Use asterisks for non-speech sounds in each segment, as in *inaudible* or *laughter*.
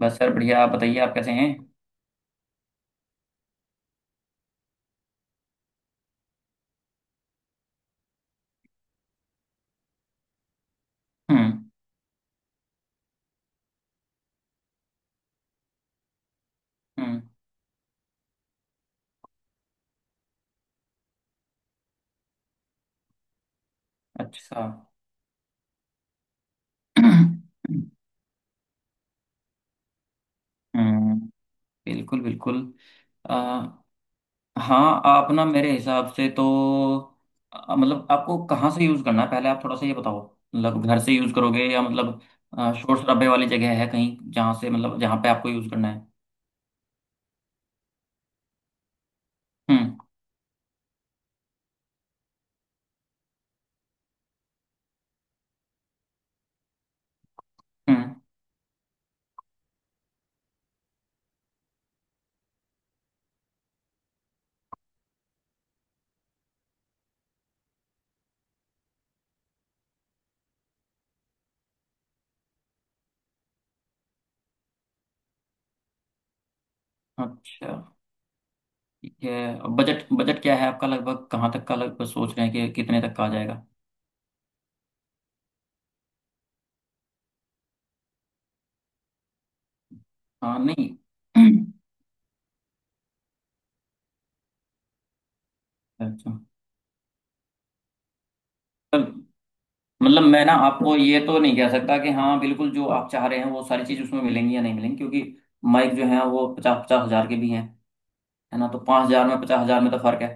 बस सर बढ़िया। आप बताइए आप कैसे हैं। हम्म। हम्म। अच्छा। हम्म। बिल्कुल बिल्कुल। अ, हाँ आप ना मेरे हिसाब से तो मतलब आपको कहाँ से यूज़ करना है पहले आप थोड़ा सा ये बताओ। मतलब घर से यूज़ करोगे या मतलब शोर शराबे वाली जगह है कहीं जहाँ से, मतलब जहाँ पे आपको यूज़ करना है। हम्म। हम्म। अच्छा। ठीक है। बजट बजट क्या है आपका, लगभग कहाँ तक का लगभग सोच रहे हैं कि कितने तक का आ जाएगा। हाँ नहीं। *clears throat* अच्छा। मतलब मैं ना आपको ये तो नहीं कह सकता कि हाँ बिल्कुल जो आप चाह रहे हैं वो सारी चीज़ उसमें मिलेंगी या नहीं मिलेंगी, क्योंकि माइक जो है वो पचास पचास हजार के भी हैं। है ना, तो 5,000 में 50,000 में तो फर्क है।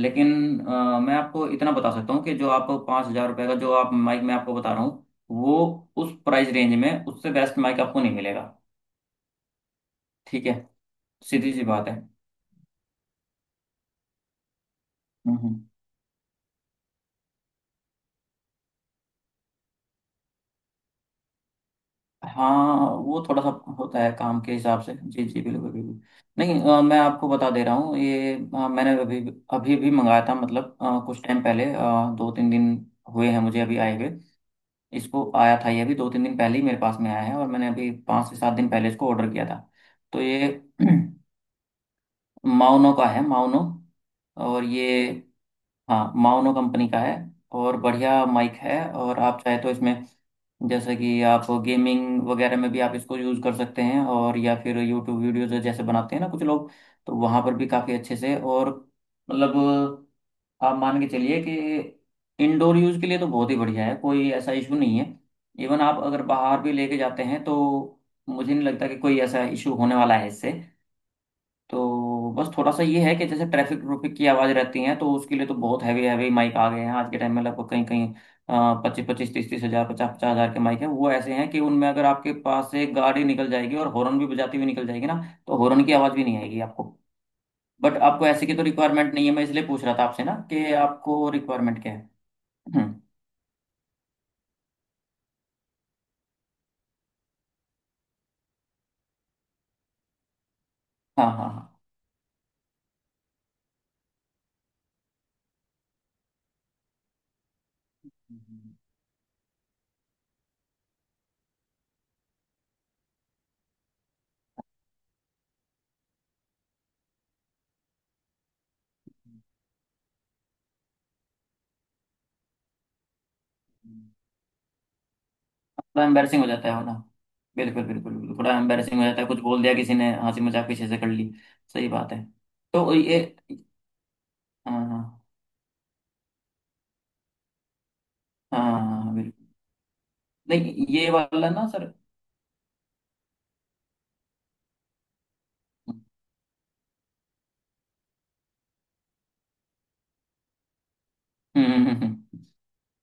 लेकिन मैं आपको इतना बता सकता हूँ कि जो आपको 5,000 रुपये का जो आप माइक मैं आपको बता रहा हूँ वो उस प्राइस रेंज में उससे बेस्ट माइक आपको नहीं मिलेगा। ठीक है। सीधी सी बात है। हम्म हम्म। हाँ वो थोड़ा सा होता है काम के हिसाब से। जी जी, बिल्कुल बिल्कुल। नहीं मैं आपको बता दे रहा हूँ ये। मैंने अभी अभी भी मंगाया था, मतलब कुछ टाइम पहले, दो तीन दिन हुए हैं मुझे अभी आए हुए इसको। आया था ये अभी दो तीन दिन पहले ही मेरे पास में आया है, और मैंने अभी 5 से 7 दिन पहले इसको ऑर्डर किया था। तो ये *clears throat* माउनो का है, माउनो। और ये, हाँ, माओनो कंपनी का है। और बढ़िया माइक है, और आप चाहे तो इसमें जैसे कि आप गेमिंग वगैरह में भी आप इसको यूज़ कर सकते हैं, और या फिर यूट्यूब वीडियोज जैसे बनाते हैं ना कुछ लोग, तो वहाँ पर भी काफ़ी अच्छे से। और मतलब आप मान के चलिए कि इंडोर यूज़ के लिए तो बहुत ही बढ़िया है, कोई ऐसा इशू नहीं है। इवन आप अगर बाहर भी लेके जाते हैं तो मुझे नहीं लगता कि कोई ऐसा इशू होने वाला है इससे। तो बस थोड़ा सा ये है कि जैसे ट्रैफिक ट्रफिक की आवाज़ रहती है तो उसके लिए तो बहुत हैवी हैवी माइक आ गए हैं आज के टाइम में। लगभग कहीं कहीं पच्चीस पच्चीस तीस तीस हजार पचास पचास हजार के माइक हैं, वो ऐसे हैं कि उनमें अगर आपके पास से गाड़ी निकल जाएगी और हॉर्न भी बजाती हुई निकल जाएगी ना, तो हॉर्न की आवाज़ भी नहीं आएगी आपको। बट आपको ऐसे की तो रिक्वायरमेंट नहीं है, मैं इसलिए पूछ रहा था आपसे ना कि आपको रिक्वायरमेंट क्या है। हम्म। हाँ हाँ हाँ। हम्म, हम्म, हम्म, हम्म। थोड़ा एम्बेरसिंग हो जाता है वो ना। बिल्कुल बिल्कुल बिल्कुल, थोड़ा एम्बेरसिंग हो जाता है, कुछ बोल दिया किसी ने, हंसी मजाक पीछे से कर ली। सही बात है। तो ये, हाँ हाँ हाँ, हाँ, हाँ, बिल्कुल। नहीं ये वाला ना सर। हम्म।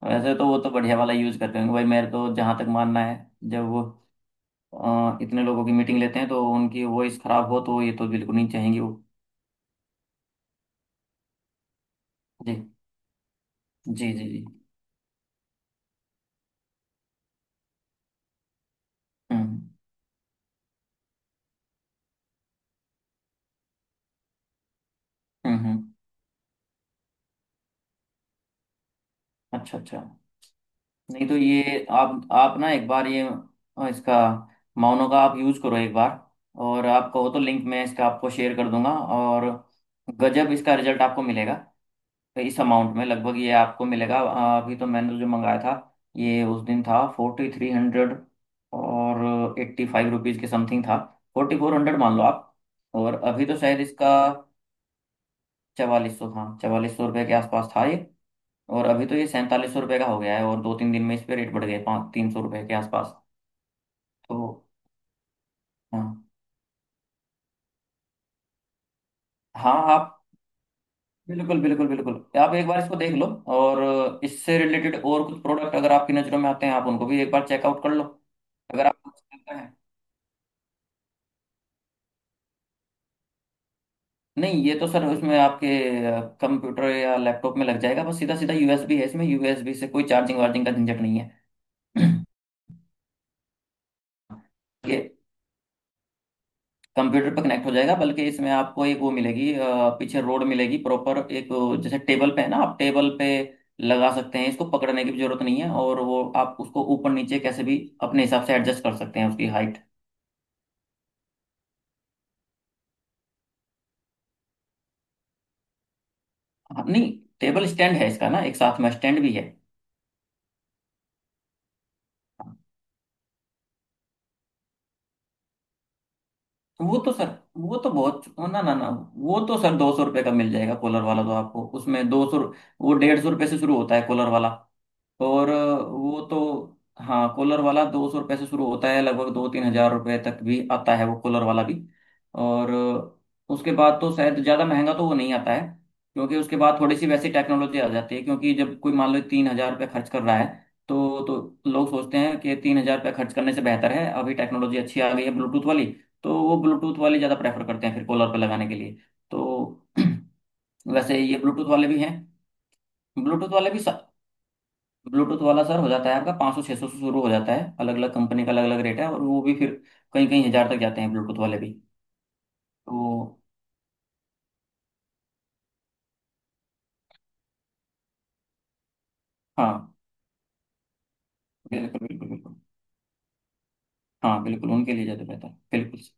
वैसे तो वो तो बढ़िया वाला यूज करते होंगे भाई मेरे, तो जहां तक मानना है, जब वो इतने लोगों की मीटिंग लेते हैं, तो उनकी वॉइस खराब हो तो ये तो बिल्कुल नहीं चाहेंगे वो। जी जी। जी जी। हम्म हम्म हम्म। अच्छा अच्छा। नहीं तो ये आप ना एक बार ये इसका माउनो का आप यूज़ करो एक बार, और आप कहो तो लिंक मैं इसका आपको शेयर कर दूंगा। और गजब इसका रिजल्ट आपको मिलेगा। इस अमाउंट में लगभग ये आपको मिलेगा। अभी तो मैंने जो मंगाया था, ये उस दिन था 4,300 और 85 रुपये के समथिंग था। 4,400 मान लो आप। और अभी तो शायद इसका चवालीस सौ, हाँ 4,400 रुपये के आसपास था ये। और अभी तो ये 4,700 रुपये का हो गया है, और दो तीन दिन में इस पे रेट बढ़ गए 300 से 500 रुपये के आसपास। तो हाँ। हाँ आप बिल्कुल बिल्कुल बिल्कुल। आप एक बार इसको देख लो, और इससे रिलेटेड और कुछ प्रोडक्ट अगर आपकी नज़रों में आते हैं आप उनको भी एक बार चेकआउट कर लो, अगर आपको कुछ लगता है। नहीं ये तो सर उसमें आपके कंप्यूटर या लैपटॉप में लग जाएगा, बस सीधा सीधा। यूएसबी है इसमें, यूएसबी से कोई चार्जिंग वार्जिंग का झंझट नहीं है। *clears throat* ये कंप्यूटर पे कनेक्ट हो जाएगा, बल्कि इसमें आपको एक वो मिलेगी, पीछे रोड मिलेगी प्रॉपर, एक जैसे टेबल पे है ना, आप टेबल पे लगा सकते हैं इसको, पकड़ने की भी जरूरत नहीं है। और वो आप उसको ऊपर नीचे कैसे भी अपने हिसाब से एडजस्ट कर सकते हैं उसकी हाइट। नहीं, टेबल स्टैंड है इसका ना, एक साथ में स्टैंड भी है। वो तो सर, वो तो बहुत, ना ना ना, वो तो सर 200 रुपये का मिल जाएगा कॉलर वाला तो आपको, उसमें दो सौ, वो 150 रुपये से शुरू होता है कॉलर वाला। और वो तो हाँ, कॉलर वाला 200 रुपये से शुरू होता है, लगभग 2-3 हजार रुपये तक भी आता है वो कॉलर वाला भी। और उसके बाद तो शायद ज़्यादा महंगा तो वो नहीं आता है, क्योंकि उसके बाद थोड़ी सी वैसी टेक्नोलॉजी आ जाती है, क्योंकि जब कोई मान लो 3,000 रुपये खर्च कर रहा है तो लोग सोचते हैं कि 3,000 रुपये खर्च करने से बेहतर है, अभी टेक्नोलॉजी अच्छी आ गई है ब्लूटूथ वाली, तो वो ब्लूटूथ वाली ज़्यादा प्रेफर करते हैं फिर कॉलर पर लगाने के लिए। तो *clears throat* वैसे ये ब्लूटूथ वाले भी हैं। ब्लूटूथ वाले भी, ब्लूटूथ वाला सर हो जाता है आपका 500-600 से शुरू हो जाता है। अलग अलग कंपनी का अलग अलग रेट है, और वो भी फिर कहीं कहीं हज़ार तक जाते हैं ब्लूटूथ वाले भी। तो हाँ, बिल्कुल बिल्कुल बिल्कुल, हाँ बिल्कुल उनके लिए ज़्यादा बेहतर है, बिल्कुल सर।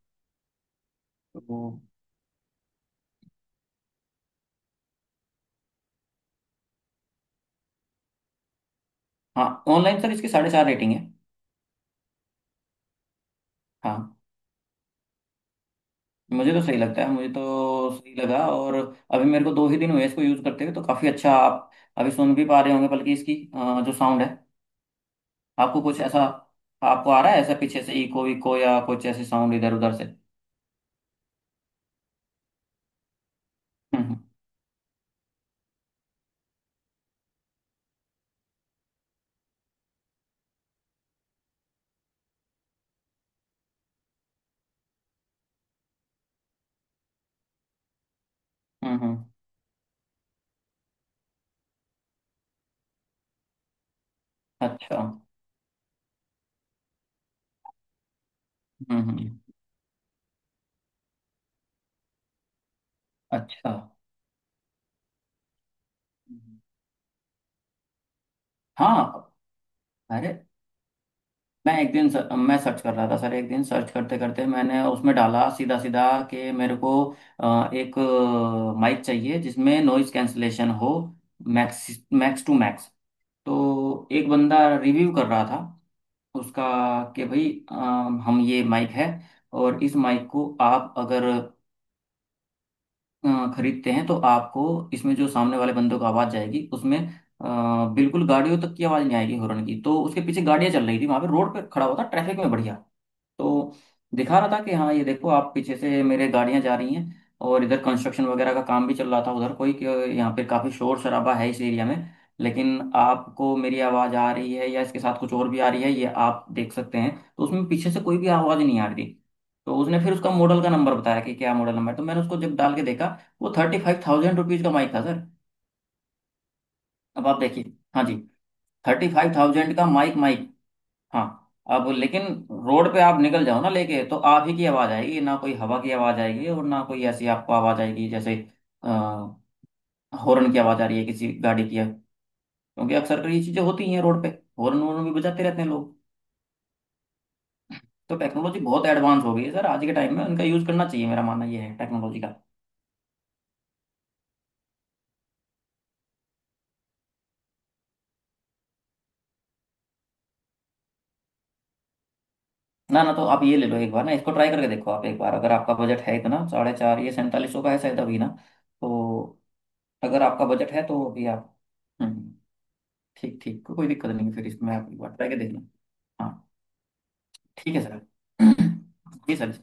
तो हाँ, ऑनलाइन सर इसकी 4.5 रेटिंग है। हाँ। मुझे तो सही लगता है, मुझे तो सही लगा। और अभी मेरे को दो ही दिन हुए इसको यूज़ करते हुए, तो काफ़ी अच्छा आप अभी सुन भी पा रहे होंगे, बल्कि इसकी जो साउंड है। आपको कुछ ऐसा, आपको आ रहा है ऐसा पीछे से इको विको, या कुछ ऐसे साउंड इधर उधर से? हम्म हम्म हम्म। अच्छा। हम्म हम्म, अच्छा। हम्म। हाँ। अरे, मैं एक दिन सर, मैं सर्च कर रहा था सर एक दिन, सर्च करते करते मैंने उसमें डाला सीधा सीधा कि मेरे को एक माइक चाहिए जिसमें नॉइज कैंसलेशन हो मैक्स, मैक्स टू मैक्स। तो एक बंदा रिव्यू कर रहा था उसका कि भाई हम ये माइक है, और इस माइक को आप अगर खरीदते हैं तो आपको इसमें जो सामने वाले बंदों को आवाज जाएगी उसमें अ, बिल्कुल गाड़ियों तक की आवाज नहीं आएगी, हॉर्न की तो। उसके पीछे गाड़ियां चल रही थी, वहां पे रोड पे खड़ा हुआ था ट्रैफिक में बढ़िया। तो दिखा रहा था कि हाँ ये देखो, आप पीछे से मेरे गाड़ियां जा रही हैं, और इधर कंस्ट्रक्शन वगैरह का काम भी चल रहा था उधर कोई, कि यहाँ पे काफ़ी शोर शराबा है इस एरिया में, लेकिन आपको मेरी आवाज़ आ रही है या इसके साथ कुछ और भी आ रही है, ये आप देख सकते हैं। तो उसमें पीछे से कोई भी आवाज़ नहीं आ रही थी। तो उसने फिर उसका मॉडल का नंबर बताया कि क्या मॉडल नंबर है, तो मैंने उसको जब डाल के देखा, वो 35,000 रुपये का माइक था सर। अब आप देखिए। हाँ जी। 35,000 का माइक। माइक, हाँ। अब लेकिन रोड पे आप निकल जाओ ना लेके तो आप ही की आवाज आएगी, ना कोई हवा की आवाज आएगी, और ना कोई ऐसी आपको आवाज आएगी जैसे अ, हॉर्न की आवाज आ रही है किसी गाड़ी की है, क्योंकि अक्सर कर ये चीजें होती हैं रोड पे, हॉर्न वॉर्न भी बजाते रहते हैं लोग। तो टेक्नोलॉजी बहुत एडवांस हो गई है सर आज के टाइम में, उनका यूज करना चाहिए, मेरा मानना ये है, टेक्नोलॉजी का। ना ना तो आप ये ले लो एक बार ना, इसको ट्राई करके देखो आप एक बार। अगर आपका बजट है इतना 4,500, ये सैंतालीस सौ का है शायद अभी ना, तो अगर आपका बजट है तो अभी आप। हम्म। ठीक ठीक, कोई दिक्कत नहीं है, फिर इसमें आप एक बार ट्राई के देखना। हाँ, ठीक है सर। *clears throat* *coughs* जी सर।